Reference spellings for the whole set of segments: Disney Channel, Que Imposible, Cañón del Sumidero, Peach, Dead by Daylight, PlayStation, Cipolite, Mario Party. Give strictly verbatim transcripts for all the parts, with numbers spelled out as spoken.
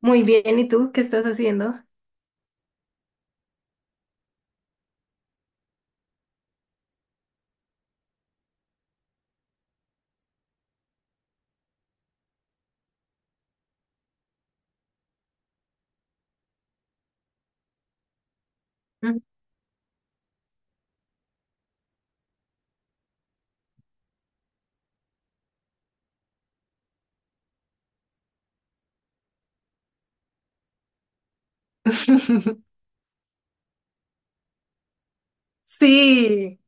Muy bien, ¿y tú qué estás haciendo? Mm. Sí,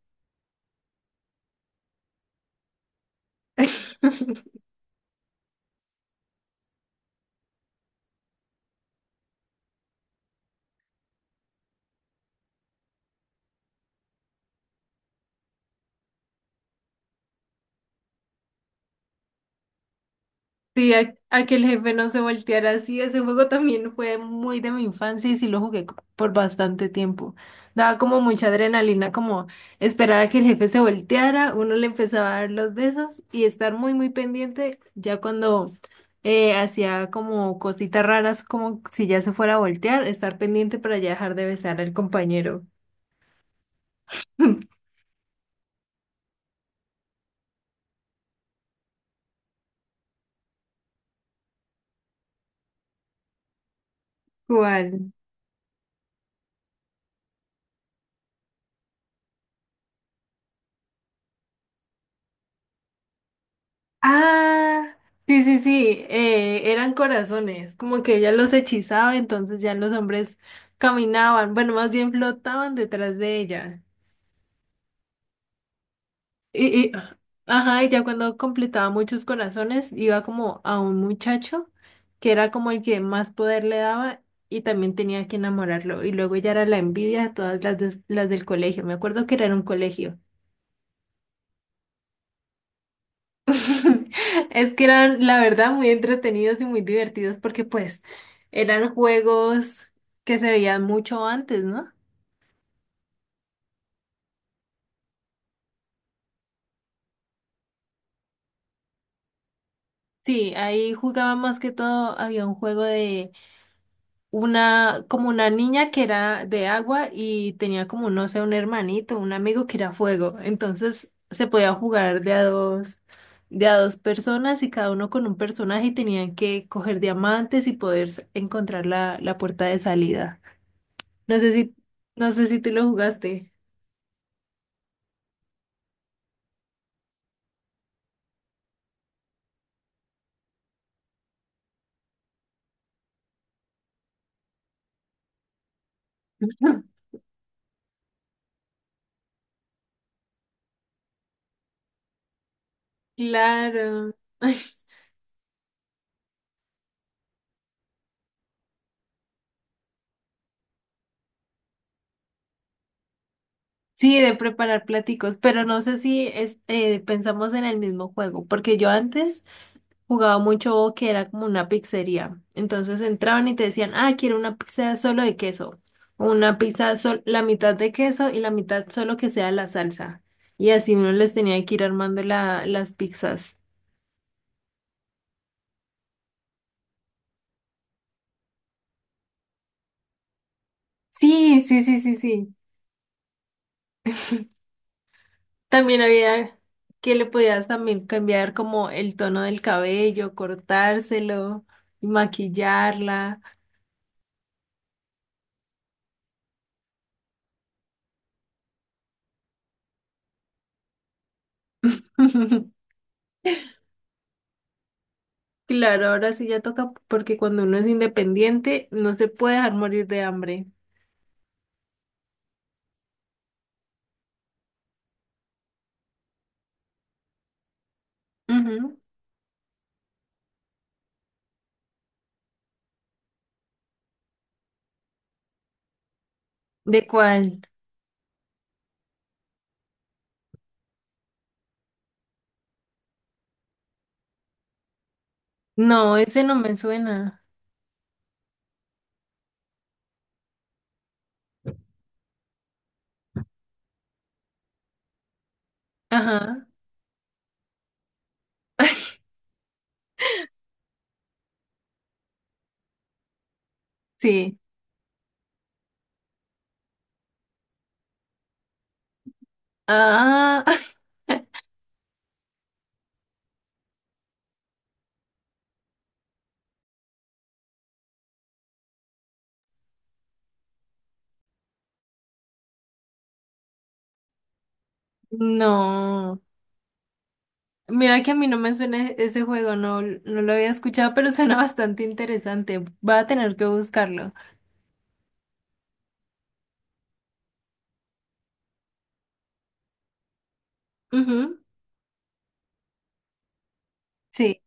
sí, a, a que el jefe no se volteara así. Ese juego también fue muy de mi infancia y sí lo jugué co- por bastante tiempo. Daba como mucha adrenalina, como esperar a que el jefe se volteara, uno le empezaba a dar los besos y estar muy, muy pendiente ya cuando eh, hacía como cositas raras, como si ya se fuera a voltear, estar pendiente para ya dejar de besar al compañero. ¿Cuál? Ah, sí, sí, sí, eh, eran corazones, como que ella los hechizaba, entonces ya los hombres caminaban, bueno, más bien flotaban detrás de ella. Y, y, ajá, y ya cuando completaba muchos corazones, iba como a un muchacho que era como el que más poder le daba y también tenía que enamorarlo. Y luego ya era la envidia de todas las, des- las del colegio. Me acuerdo que era en un colegio. Es que eran, la verdad, muy entretenidos y muy divertidos porque pues eran juegos que se veían mucho antes, ¿no? Sí, ahí jugaba más que todo. Había un juego de una, como una niña que era de agua y tenía como, no sé, un hermanito, un amigo que era fuego. Entonces se podía jugar de a dos, de a dos personas y cada uno con un personaje y tenían que coger diamantes y poder s- encontrar la, la puerta de salida. No sé si, no sé si tú lo jugaste. Claro. Ay, sí, de preparar platicos, pero no sé si es- eh, pensamos en el mismo juego, porque yo antes jugaba mucho que era como una pizzería. Entonces entraban y te decían, ah, quiero una pizza solo de queso, o una pizza sol la mitad de queso y la mitad solo que sea la salsa. Y así uno les tenía que ir armando la, las pizzas. Sí, sí, sí, sí, sí. También había que le podías también cambiar como el tono del cabello, cortárselo, maquillarla. Claro, ahora sí ya toca porque cuando uno es independiente no se puede dejar morir de hambre. Ujú. ¿De cuál? No, ese no me suena. Ajá. Sí. Ah, no. Mira que a mí no me suena e- ese juego, no, no lo había escuchado, pero suena bastante interesante. Va a tener que buscarlo. Ujú, sí.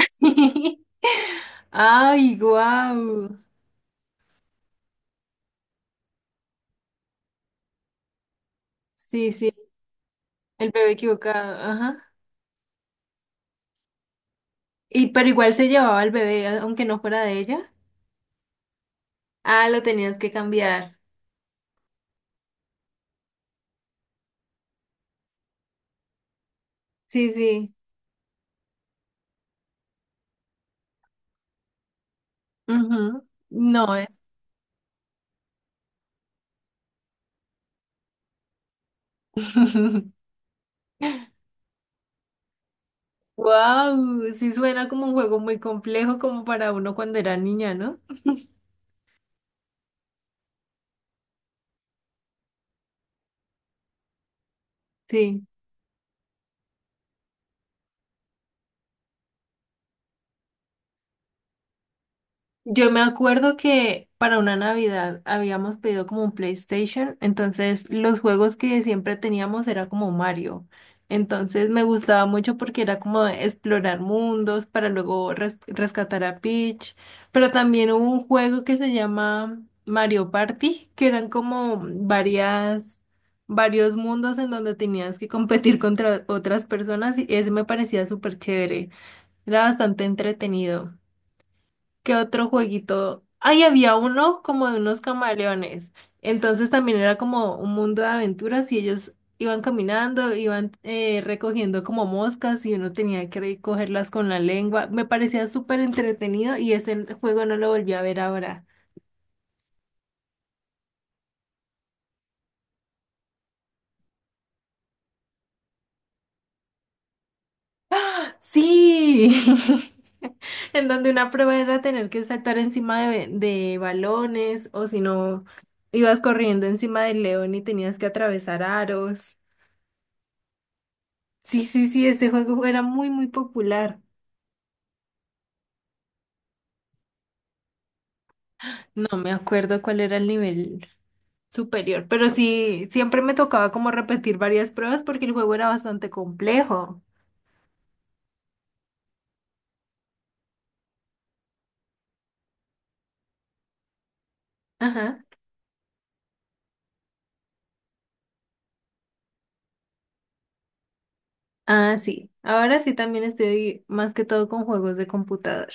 Ay, guau. Sí, sí, el bebé equivocado, ajá. Y pero igual se llevaba el bebé, a- aunque no fuera de ella. Ah, lo tenías que cambiar. Sí, sí. Ujú. No es. Wow, sí suena como un juego muy complejo como para uno cuando era niña, ¿no? Sí. Yo me acuerdo que para una Navidad habíamos pedido como un PlayStation, entonces los juegos que siempre teníamos era como Mario. Entonces me gustaba mucho porque era como explorar mundos para luego res- rescatar a Peach. Pero también hubo un juego que se llama Mario Party, que eran como varias, varios mundos en donde tenías que competir contra otras personas y ese me parecía súper chévere. Era bastante entretenido. ¿Qué otro jueguito? Ahí había uno como de unos camaleones. Entonces también era como un mundo de aventuras y ellos iban caminando, iban eh, recogiendo como moscas y uno tenía que recogerlas con la lengua. Me parecía súper entretenido y ese juego no lo volví a ver ahora. Sí, en donde una prueba era tener que saltar encima de, de balones o si no, ibas corriendo encima del león y tenías que atravesar aros. Sí, sí, sí, ese juego era muy, muy popular. No me acuerdo cuál era el nivel superior, pero sí, siempre me tocaba como repetir varias pruebas porque el juego era bastante complejo. Ajá. Ah, sí. Ahora sí también estoy más que todo con juegos de computador.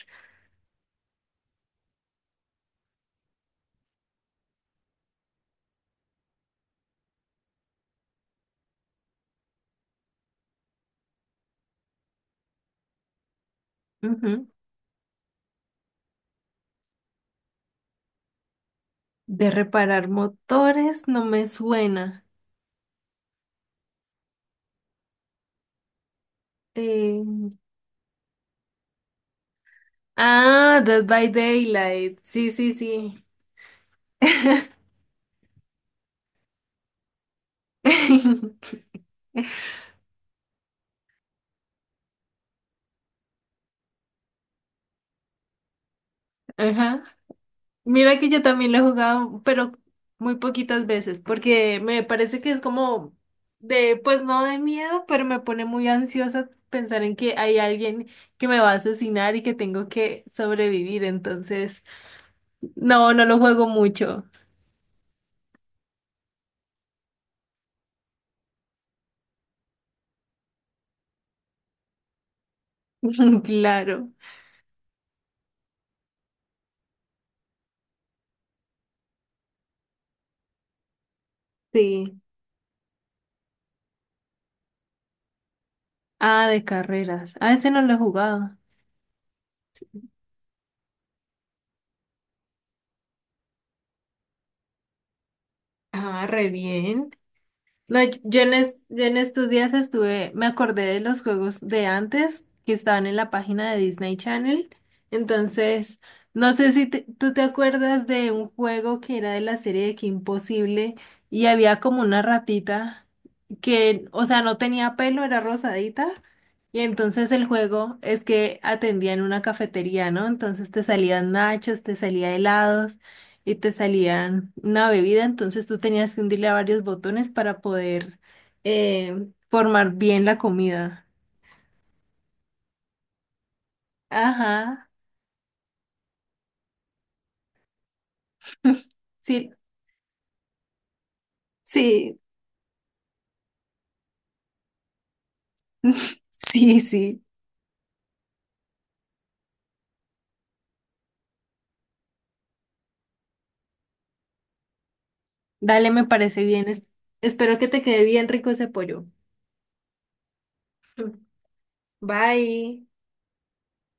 Ujú. De reparar motores no me suena. Eh, Ah, Dead by Daylight. Sí, sí, sí. Ajá. Mira que yo también lo he jugado, pero muy poquitas veces, porque me parece que es como de, pues no de miedo, pero me pone muy ansiosa pensar en que hay alguien que me va a asesinar y que tengo que sobrevivir. Entonces, no, no lo juego mucho. Claro. Sí. Ah, de carreras. Ah, ese no lo he jugado. Ah, re bien. No, yo yo en, es- yo en estos días estuve, me acordé de los juegos de antes que estaban en la página de Disney Channel. Entonces, no sé si te- tú te acuerdas de un juego que era de la serie de Que Imposible y había como una ratita que, o sea, no tenía pelo, era rosadita. Y entonces el juego es que atendía en una cafetería, ¿no? Entonces te salían nachos, te salía helados y te salían una bebida, entonces tú tenías que hundirle a varios botones para poder eh, formar bien la comida. Ajá, sí, sí, sí, sí. Dale, me parece bien. Es- espero que te quede bien rico ese pollo. Bye.